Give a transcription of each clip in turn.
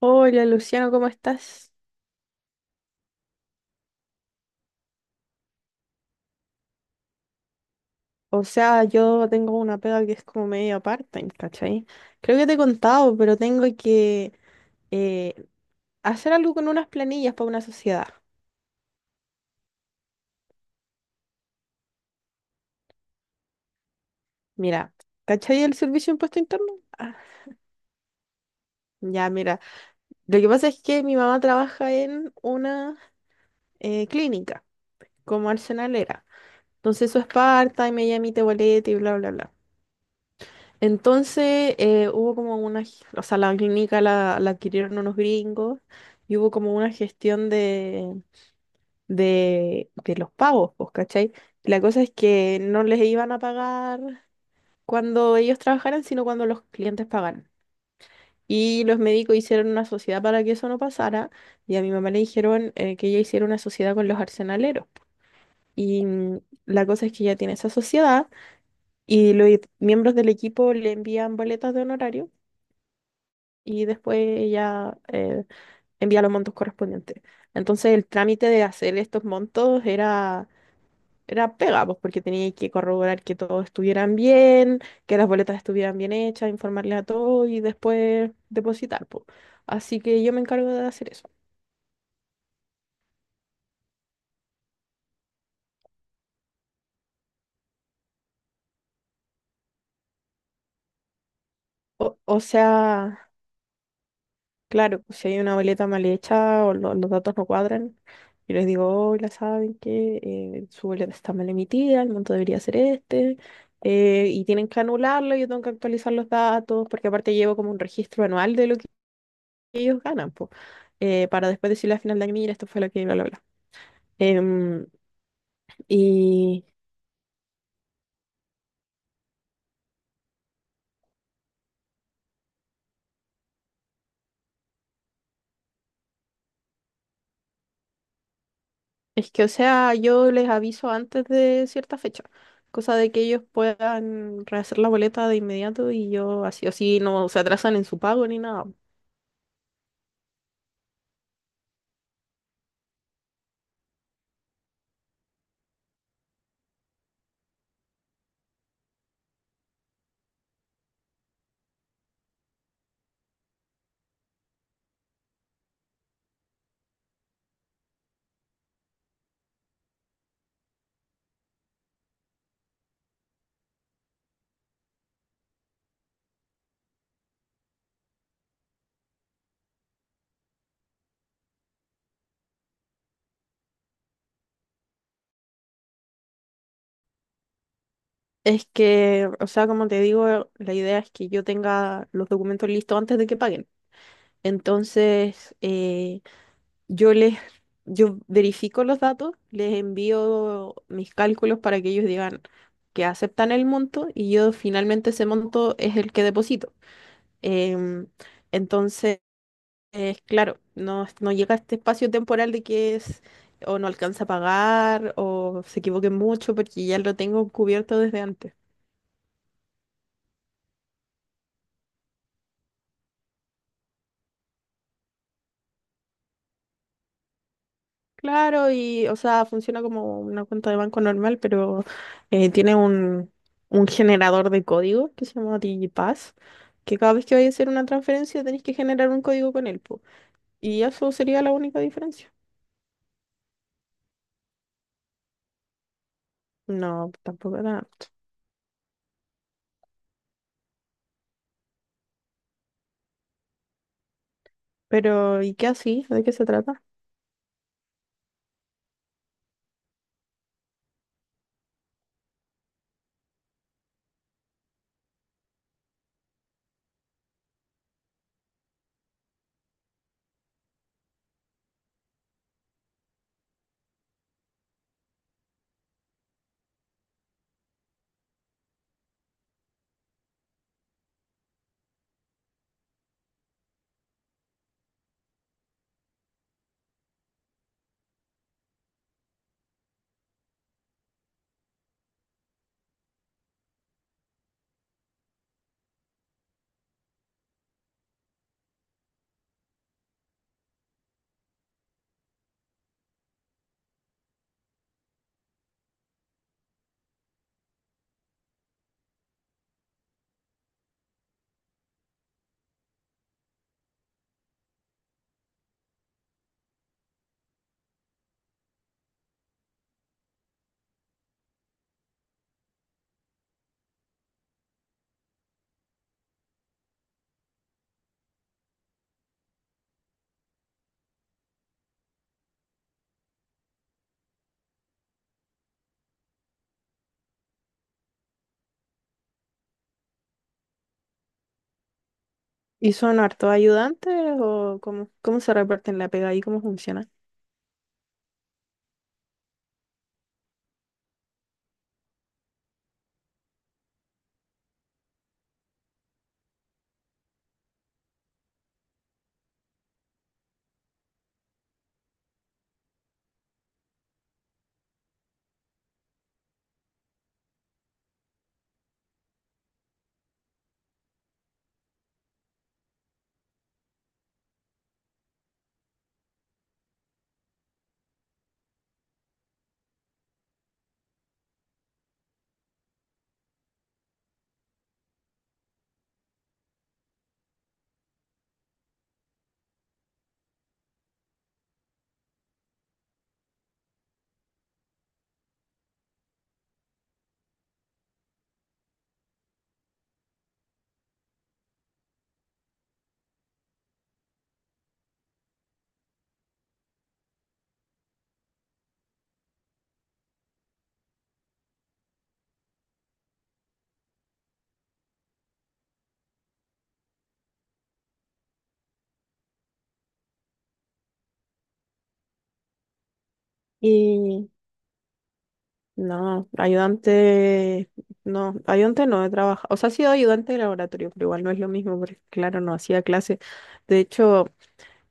Hola Luciano, ¿cómo estás? O sea, yo tengo una pega que es como media part-time, ¿cachai? Creo que te he contado, pero tengo que eh, hacer algo con unas planillas para una sociedad. Mira, ¿cachai el servicio de impuesto interno? Ah, ya, mira. Lo que pasa es que mi mamá trabaja en una clínica como arsenalera. Entonces eso es part-time, ella emite boleto y bla, bla, bla. Entonces hubo como una, o sea, la clínica la adquirieron unos gringos y hubo como una gestión de los pagos, pues, ¿cachai? La cosa es que no les iban a pagar cuando ellos trabajaran, sino cuando los clientes pagaran. Y los médicos hicieron una sociedad para que eso no pasara y a mi mamá le dijeron que ella hiciera una sociedad con los arsenaleros. Y mm, la cosa es que ella tiene esa sociedad y los miembros del equipo le envían boletas de honorario y después ella envía los montos correspondientes. Entonces el trámite de hacer estos montos era pega, pues, porque tenía que corroborar que todos estuvieran bien, que las boletas estuvieran bien hechas, informarle a todos y después depositar, pues. Así que yo me encargo de hacer eso. O, o sea, Claro, pues, si hay una boleta mal hecha o los datos no cuadran, yo les digo, hola, saben que su boleta está mal emitida, el monto debería ser este, y tienen que anularlo, yo tengo que actualizar los datos, porque aparte llevo como un registro anual de lo que ellos ganan, po, para después decirle al final de año, mira, esto fue lo que, bla, bla, bla. Em, y es que, o sea, yo les aviso antes de cierta fecha, cosa de que ellos puedan rehacer la boleta de inmediato y yo así o así no se atrasan en su pago ni nada. Es que, o sea, como te digo, la idea es que yo tenga los documentos listos antes de que paguen. Entonces, yo les, yo verifico los datos, les envío mis cálculos para que ellos digan que aceptan el monto y yo finalmente ese monto es el que deposito. Em, entonces, claro, no, no llega este espacio temporal de que es o no alcanza a pagar o se equivoquen mucho porque ya lo tengo cubierto desde antes. Claro, y o sea, funciona como una cuenta de banco normal, pero tiene un generador de código que se llama DigiPass, que cada vez que vayas a hacer una transferencia tenés que generar un código con él, po. Y eso sería la única diferencia. No, tampoco tanto. Pero, ¿y qué así? ¿De qué se trata? ¿Y son hartos ayudantes o cómo, cómo se reparten la pega y cómo funciona? y No, ayudante, no, ayudante no he trabajado, o sea, sí he sido ayudante de laboratorio, pero igual no es lo mismo, porque claro, no hacía clase. De hecho,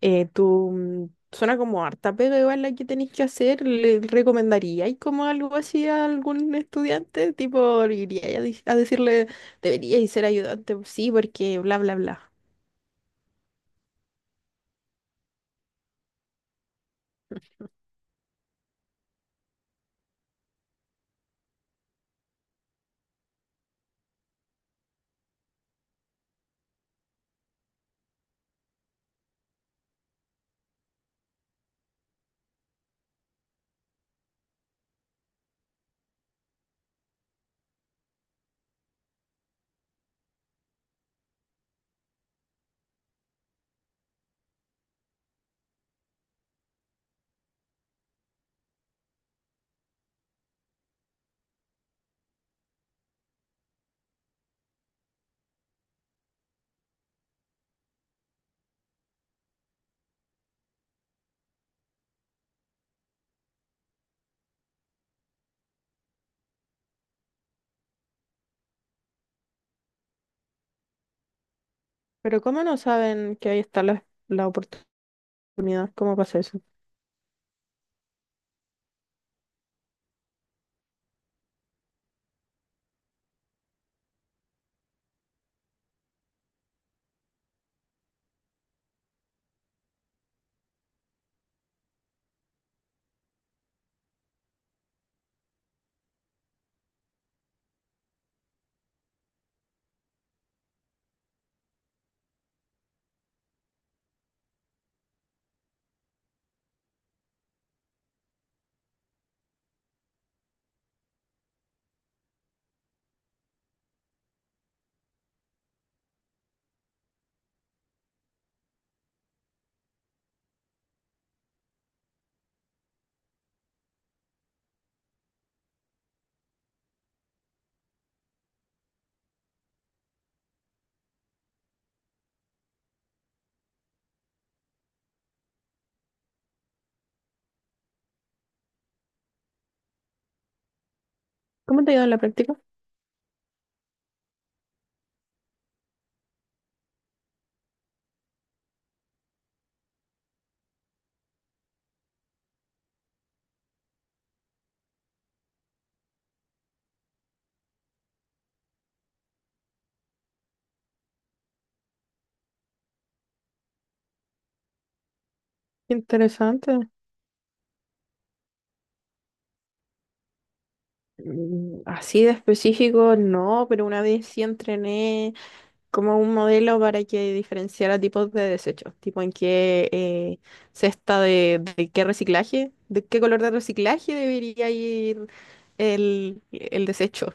tú mm, suena como harta, pero igual la que tenéis que hacer, ¿le recomendaríais como algo así a algún estudiante? Tipo, iría a, a decirle, deberíais ser ayudante, sí, porque bla, bla, bla. Pero ¿cómo no saben que ahí está la oportunidad? ¿Cómo pasa eso? ¿Cómo te ha ido en la práctica? Interesante. Mm, así de específico, no, pero una vez sí entrené como un modelo para que diferenciara tipos de desechos, tipo en qué cesta de qué reciclaje, de qué color de reciclaje debería ir el desecho.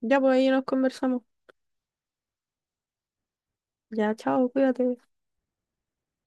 Ya, pues ahí nos conversamos. Ya, chao, cuídate.